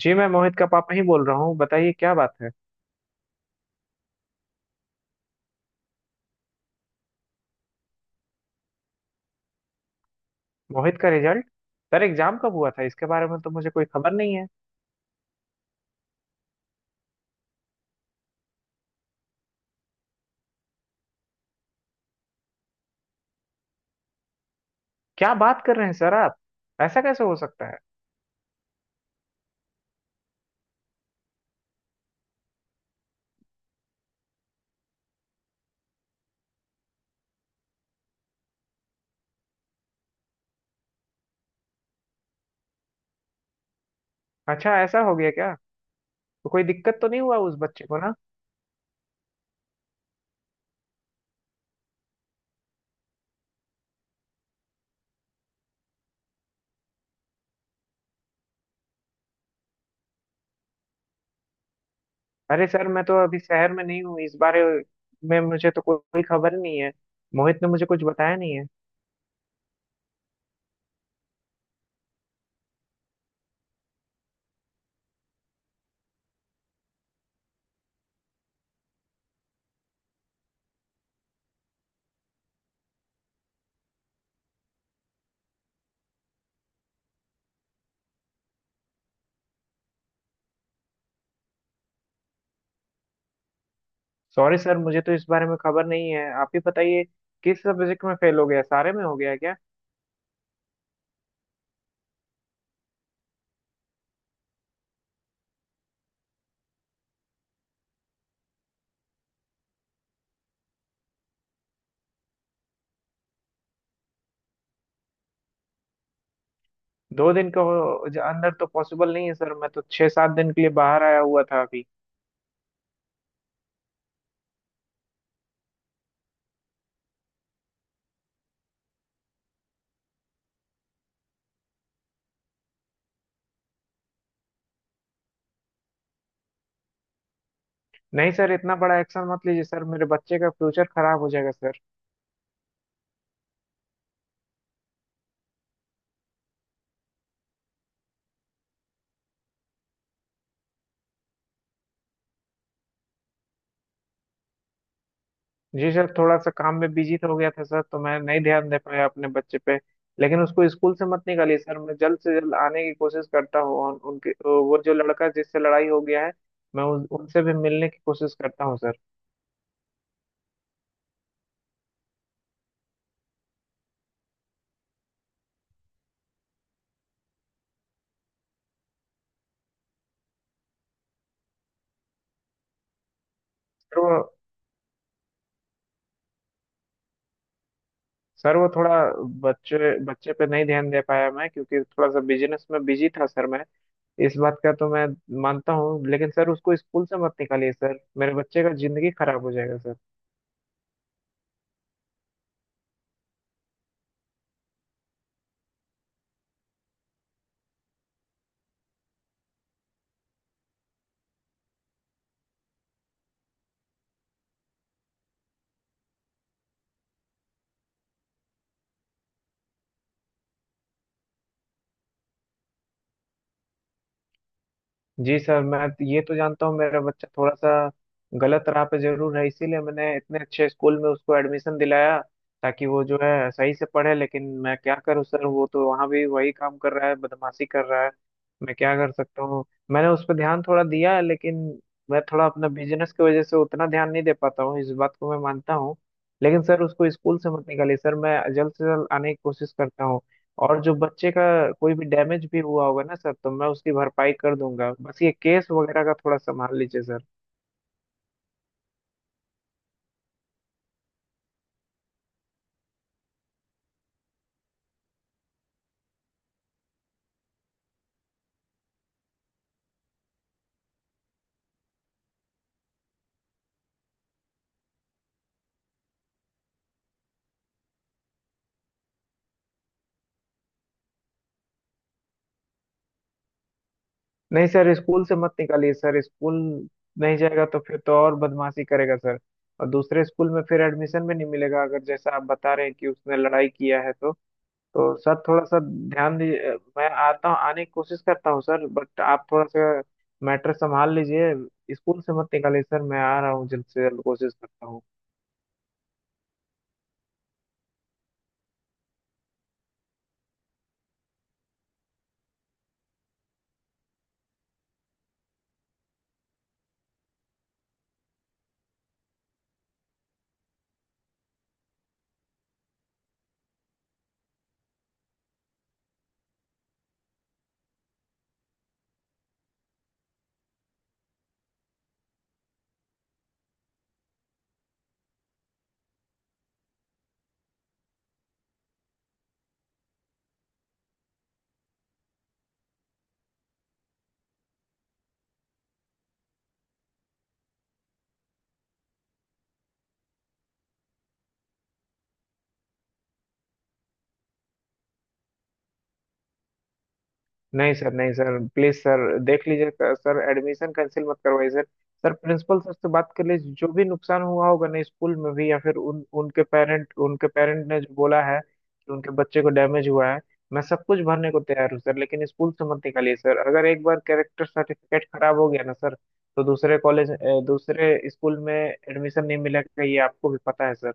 जी, मैं मोहित का पापा ही बोल रहा हूँ। बताइए क्या बात है? मोहित का रिजल्ट? सर एग्जाम कब हुआ था इसके बारे में तो मुझे कोई खबर नहीं है। क्या बात कर रहे हैं सर आप? ऐसा कैसे हो सकता है? अच्छा ऐसा हो गया क्या? तो कोई दिक्कत तो नहीं हुआ उस बच्चे को ना? अरे सर, मैं तो अभी शहर में नहीं हूँ। इस बारे में मुझे तो कोई कोई खबर नहीं है। मोहित ने मुझे कुछ बताया नहीं है। सॉरी सर, मुझे तो इस बारे में खबर नहीं है। आप ही बताइए किस सब्जेक्ट में फेल हो गया? सारे में हो गया क्या? 2 दिन के अंदर तो पॉसिबल नहीं है सर। मैं तो 6-7 दिन के लिए बाहर आया हुआ था अभी। नहीं सर, इतना बड़ा एक्शन मत लीजिए सर। मेरे बच्चे का फ्यूचर खराब हो जाएगा सर। जी सर, थोड़ा सा काम में बिजी हो गया था सर, तो मैं नहीं ध्यान दे पाया अपने बच्चे पे। लेकिन उसको स्कूल से मत निकालिए सर। मैं जल्द से जल्द आने की कोशिश करता हूँ। और उनके तो वो जो लड़का जिससे लड़ाई हो गया है, मैं उनसे भी मिलने की कोशिश करता हूँ सर। सर वो सर वो थोड़ा बच्चे बच्चे पे नहीं ध्यान दे पाया मैं, क्योंकि थोड़ा सा बिजनेस में बिजी था सर मैं। इस बात का तो मैं मानता हूँ। लेकिन सर उसको स्कूल से मत निकालिए सर। मेरे बच्चे का जिंदगी खराब हो जाएगा सर। जी सर, मैं ये तो जानता हूँ मेरा बच्चा थोड़ा सा गलत राह पे जरूर है। इसीलिए मैंने इतने अच्छे स्कूल में उसको एडमिशन दिलाया ताकि वो जो है सही से पढ़े। लेकिन मैं क्या करूँ सर, वो तो वहाँ भी वही काम कर रहा है, बदमाशी कर रहा है। मैं क्या कर सकता हूँ? मैंने उस पर ध्यान थोड़ा दिया है, लेकिन मैं थोड़ा अपना बिजनेस की वजह से उतना ध्यान नहीं दे पाता हूँ। इस बात को मैं मानता हूँ। लेकिन सर उसको स्कूल से मत निकालिए सर। मैं जल्द से जल्द आने की कोशिश करता हूँ। और जो बच्चे का कोई भी डैमेज भी हुआ होगा ना सर, तो मैं उसकी भरपाई कर दूंगा। बस ये केस वगैरह का थोड़ा संभाल लीजिए सर। नहीं सर, स्कूल से मत निकालिए सर। स्कूल नहीं जाएगा तो फिर तो और बदमाशी करेगा सर। और दूसरे स्कूल में फिर एडमिशन भी नहीं मिलेगा अगर जैसा आप बता रहे हैं कि उसने लड़ाई किया है। तो सर थोड़ा सा ध्यान दीजिए। मैं आता हूँ, आने की कोशिश करता हूँ सर। बट आप थोड़ा सा मैटर संभाल लीजिए। स्कूल से मत निकालिए सर। मैं आ रहा हूँ, जल्द से जल्द कोशिश करता हूँ। नहीं सर, नहीं सर, प्लीज सर, देख लीजिए सर एडमिशन कैंसिल मत करवाइए सर। सर प्रिंसिपल सर से बात कर लीजिए। जो भी नुकसान हुआ होगा ना स्कूल में भी, या फिर उन उनके पेरेंट ने जो बोला है कि उनके बच्चे को डैमेज हुआ है, मैं सब कुछ भरने को तैयार हूँ सर। लेकिन स्कूल से मत निकालिए सर। अगर एक बार कैरेक्टर सर्टिफिकेट खराब हो गया ना सर, तो दूसरे स्कूल में एडमिशन नहीं मिलेगा। ये आपको भी पता है सर।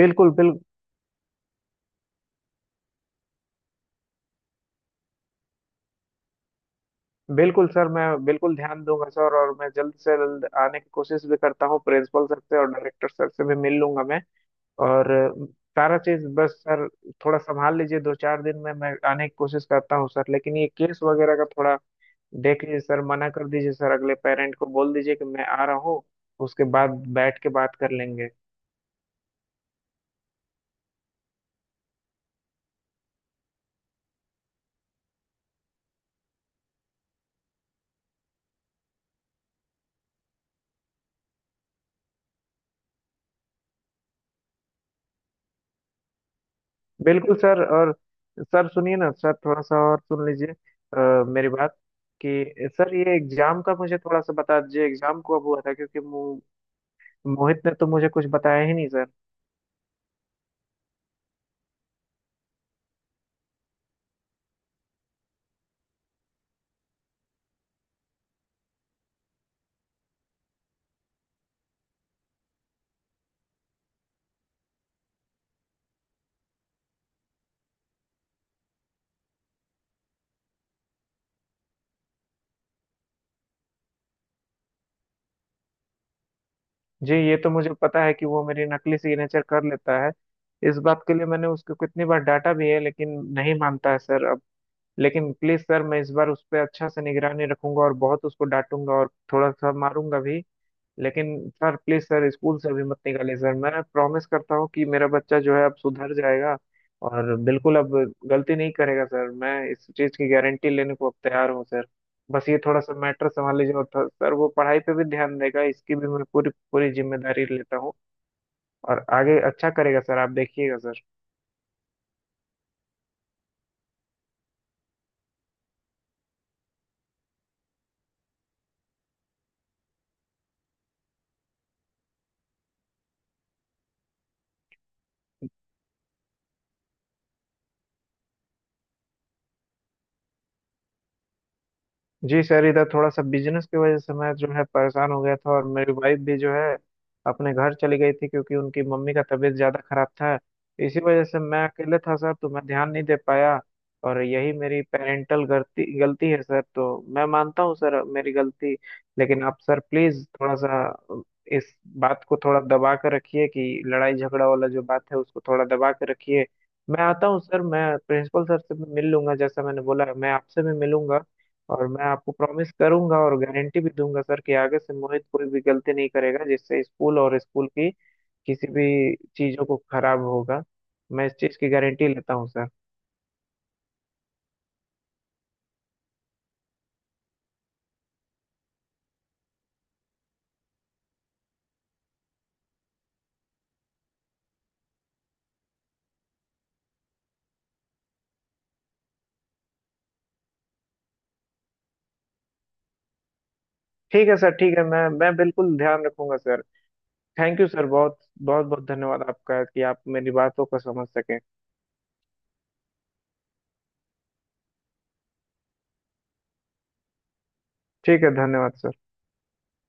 बिल्कुल, बिल्कुल। बिल्कुल सर, मैं बिल्कुल ध्यान दूंगा सर। और मैं जल्द से जल्द आने की कोशिश भी करता हूँ। प्रिंसिपल सर से और डायरेक्टर सर से भी मिल लूंगा मैं। और सारा चीज बस सर थोड़ा संभाल लीजिए। 2-4 दिन में मैं आने की कोशिश करता हूँ सर। लेकिन ये केस वगैरह का थोड़ा देख लीजिए सर। मना कर दीजिए सर, अगले पेरेंट को बोल दीजिए कि मैं आ रहा हूँ। उसके बाद बैठ के बात कर लेंगे। बिल्कुल सर। और सर सुनिए ना सर, थोड़ा सा और सुन लीजिए मेरी बात कि सर ये एग्जाम का मुझे थोड़ा सा बता दीजिए। एग्जाम कब हुआ था? क्योंकि मोहित ने तो मुझे कुछ बताया ही नहीं सर। जी, ये तो मुझे पता है कि वो मेरी नकली सिग्नेचर कर लेता है। इस बात के लिए मैंने उसको कितनी बार डांटा भी है, लेकिन नहीं मानता है सर अब। लेकिन प्लीज सर, मैं इस बार उस पर अच्छा से निगरानी रखूंगा, और बहुत उसको डांटूंगा और थोड़ा सा मारूंगा भी। लेकिन सर प्लीज सर, स्कूल से अभी मत निकालिए सर। मैं प्रॉमिस करता हूँ कि मेरा बच्चा जो है अब सुधर जाएगा, और बिल्कुल अब गलती नहीं करेगा सर। मैं इस चीज की गारंटी लेने को अब तैयार हूँ सर। बस ये थोड़ा सा मैटर संभाल लीजिए। और सर वो पढ़ाई पे भी ध्यान देगा, इसकी भी मैं पूरी पूरी जिम्मेदारी लेता हूँ। और आगे अच्छा करेगा सर, आप देखिएगा सर। जी सर, इधर थोड़ा सा बिजनेस की वजह से मैं जो है परेशान हो गया था। और मेरी वाइफ भी जो है अपने घर चली गई थी, क्योंकि उनकी मम्मी का तबीयत ज़्यादा खराब था। इसी वजह से मैं अकेले था सर, तो मैं ध्यान नहीं दे पाया। और यही मेरी पेरेंटल गलती गलती है सर। तो मैं मानता हूँ सर, मेरी गलती। लेकिन आप सर प्लीज़ थोड़ा सा इस बात को थोड़ा दबा कर रखिए, कि लड़ाई झगड़ा वाला जो बात है, उसको थोड़ा दबा कर रखिए। मैं आता हूँ सर, मैं प्रिंसिपल सर से भी मिल लूंगा। जैसा मैंने बोला, मैं आपसे भी मिलूंगा। और मैं आपको प्रॉमिस करूंगा और गारंटी भी दूंगा सर कि आगे से मोहित कोई भी गलती नहीं करेगा जिससे स्कूल और स्कूल की किसी भी चीजों को खराब होगा। मैं इस चीज की गारंटी लेता हूँ सर। ठीक है सर, ठीक है। मैं बिल्कुल ध्यान रखूंगा सर। थैंक यू सर, बहुत बहुत बहुत धन्यवाद आपका कि आप मेरी बातों को समझ सके। ठीक है, धन्यवाद सर।